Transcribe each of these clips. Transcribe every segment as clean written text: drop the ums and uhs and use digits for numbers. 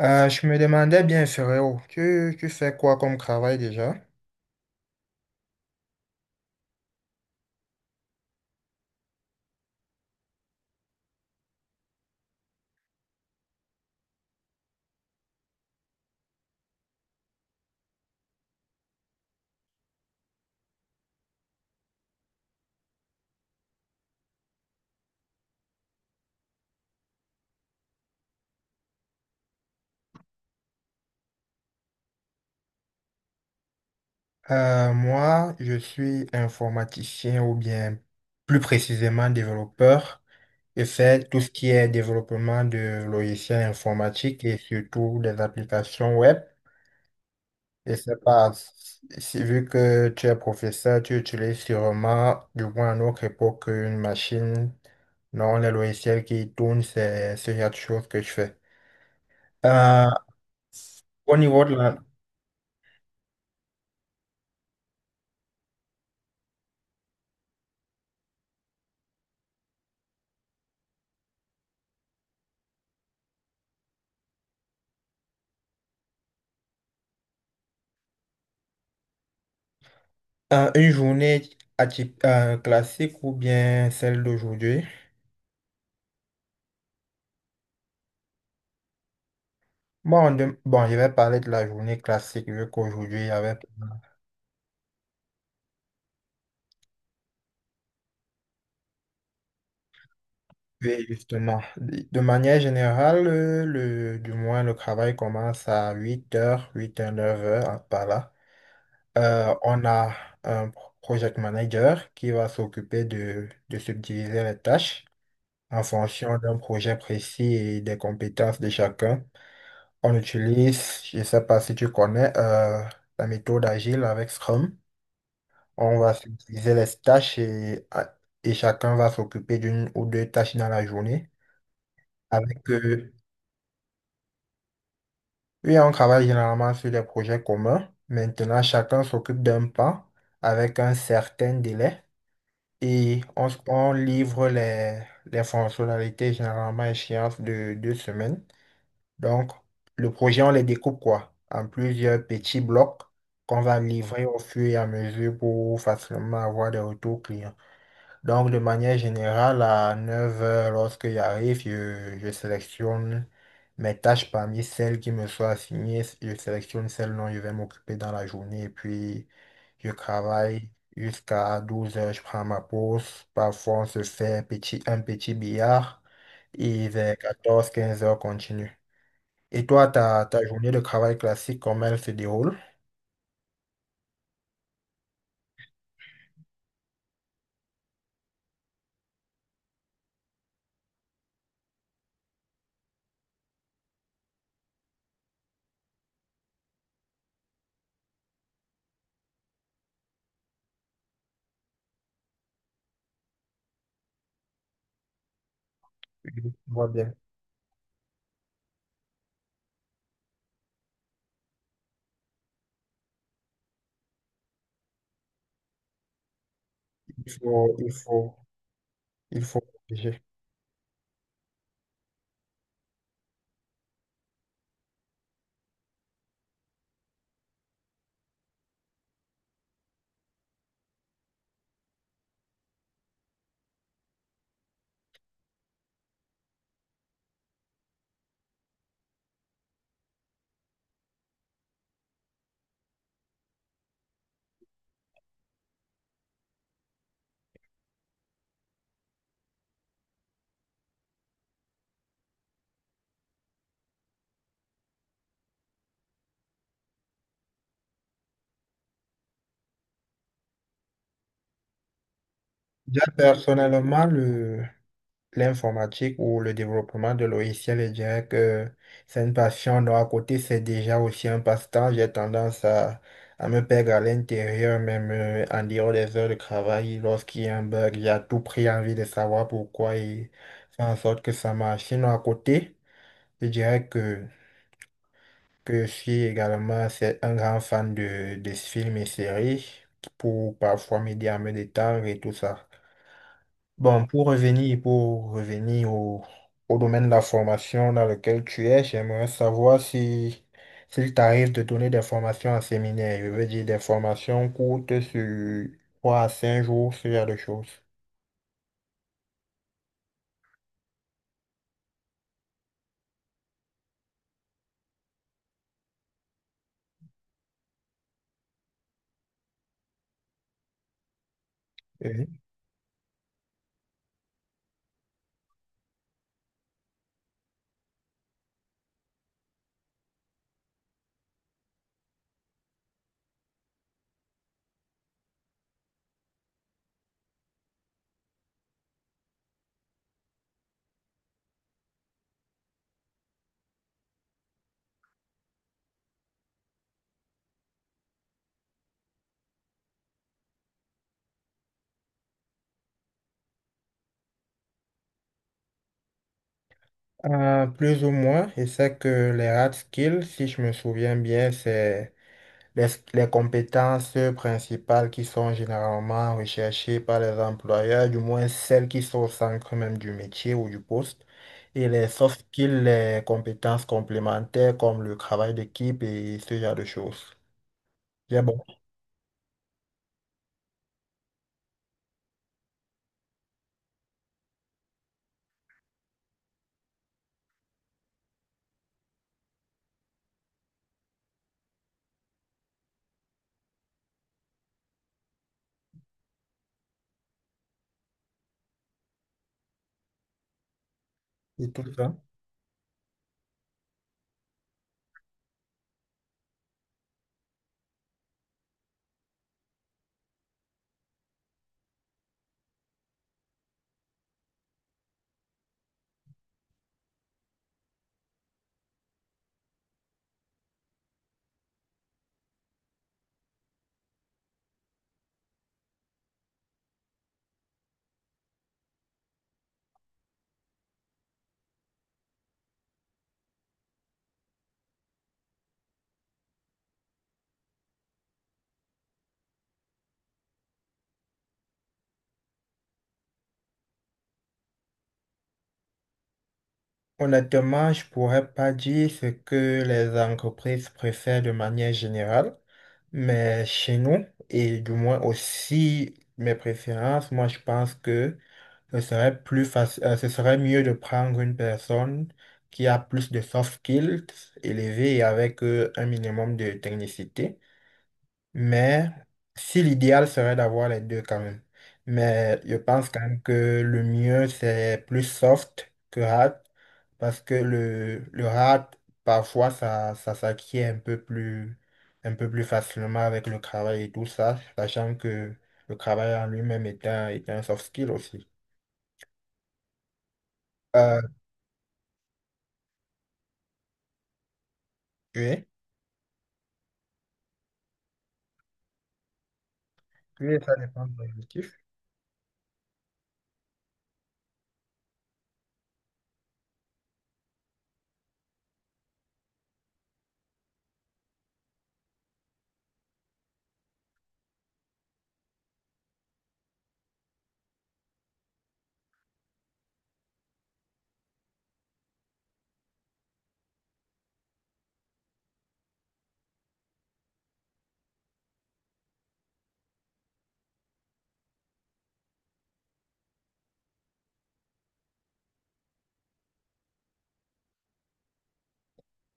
Je me demandais bien, frérot, tu fais quoi comme travail déjà? Moi, je suis informaticien ou bien plus précisément développeur. Je fais tout ce qui est développement de logiciels informatiques et surtout des applications web. Je sais pas, si, vu que tu es professeur, tu utilises sûrement, du moins à notre époque, une machine. Non, les logiciels qui tournent, c'est ce genre de choses que je fais. Euh, au niveau de la- Une journée classique ou bien celle d'aujourd'hui? Bon, je vais parler de la journée classique vu qu'aujourd'hui, il y avait. Oui, justement. De manière générale, le, du moins, le travail commence à 8h, 8h, 9h hein, par là. On a un project manager qui va s'occuper de subdiviser les tâches en fonction d'un projet précis et des compétences de chacun. On utilise, je ne sais pas si tu connais, la méthode agile avec Scrum. On va utiliser les tâches et chacun va s'occuper d'une ou deux tâches dans la journée. Avec, euh, oui, on travaille généralement sur des projets communs. Maintenant, chacun s'occupe d'un pas avec un certain délai et on livre les fonctionnalités généralement à échéance de 2 semaines. Donc, le projet, on les découpe quoi? En plusieurs petits blocs qu'on va livrer au fur et à mesure pour facilement avoir des retours clients. Donc, de manière générale, à 9h, lorsque j'arrive, je sélectionne mes tâches parmi celles qui me sont assignées. Je sélectionne celles dont je vais m'occuper dans la journée et puis je travaille jusqu'à 12h. Je prends ma pause. Parfois, on se fait un petit billard et vers 14h 15h continue. Et toi, ta journée de travail classique, comment elle se déroule? Je vois bien. Il faut, il faut, il faut protéger. Déjà, personnellement, l'informatique ou le développement de logiciels, je dirais que c'est une passion. Donc, à côté, c'est déjà aussi un passe-temps. J'ai tendance à me perdre à l'intérieur, même en dehors des heures de travail. Lorsqu'il y a un bug, j'ai à tout prix envie de savoir pourquoi et faire en sorte que ça marche. Sinon, à côté, je dirais que je suis également c'est un grand fan de films et séries pour parfois m'aider à me détendre et tout ça. Bon, pour revenir au domaine de la formation dans lequel tu es, j'aimerais savoir si s'il t'arrive de donner des formations en séminaire, je veux dire des formations courtes sur 3 à 5 jours, ce genre de choses. Oui. Plus ou moins, et c'est que les hard skills, si je me souviens bien, c'est Les, les compétences principales qui sont généralement recherchées par les employeurs, du moins celles qui sont au centre même du métier ou du poste, et les soft skills, les compétences complémentaires comme le travail d'équipe et ce genre de choses. J'ai bon, c'est tout ça. Honnêtement, je pourrais pas dire ce que les entreprises préfèrent de manière générale, mais chez nous, et du moins aussi mes préférences, moi je pense que ce serait plus facile, ce serait mieux de prendre une personne qui a plus de soft skills élevés et avec un minimum de technicité. Mais si l'idéal serait d'avoir les deux quand même. Mais je pense quand même que le mieux, c'est plus soft que hard parce que le hard, parfois, ça s'acquiert un peu plus facilement avec le travail et tout ça, sachant que le travail en lui-même est un soft skill aussi. Euh, Oui, oui, ça dépend de l'objectif.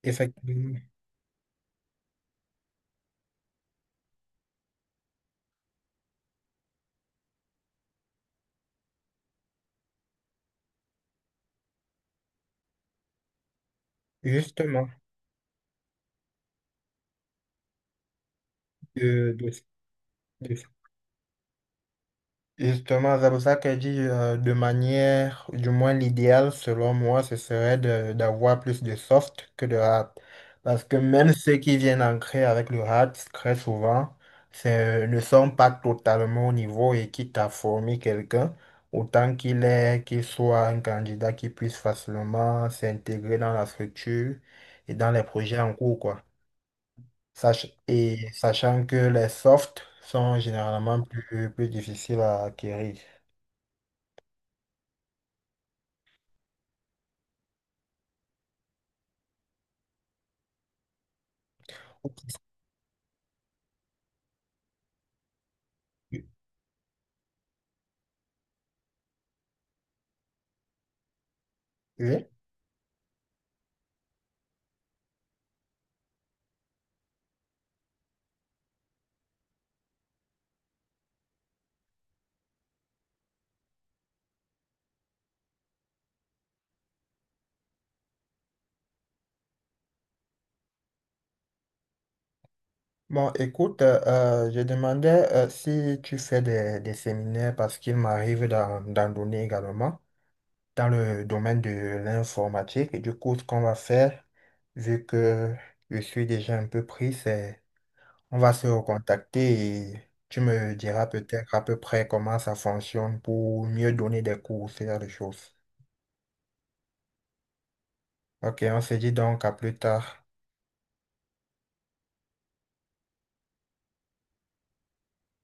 Effectivement, justement, de, de, de- justement, c'est pour ça qu'elle dit de manière, du moins l'idéal selon moi, ce serait d'avoir plus de soft que de hard. Parce que même ceux qui viennent ancrer avec le hard, très souvent, ne sont pas totalement au niveau et quitte à former quelqu'un, autant qu'il soit un candidat qui puisse facilement s'intégrer dans la structure et dans les projets en cours, quoi. Et sachant que les softs sont généralement plus difficiles à acquérir. Oui. Bon, écoute, je demandais si tu fais des séminaires parce qu'il m'arrive d'en donner également dans le domaine de l'informatique. Et du coup, ce qu'on va faire, vu que je suis déjà un peu pris, c'est on va se recontacter et tu me diras peut-être à peu près comment ça fonctionne pour mieux donner des cours, ce genre de choses. Ok, on se dit donc à plus tard.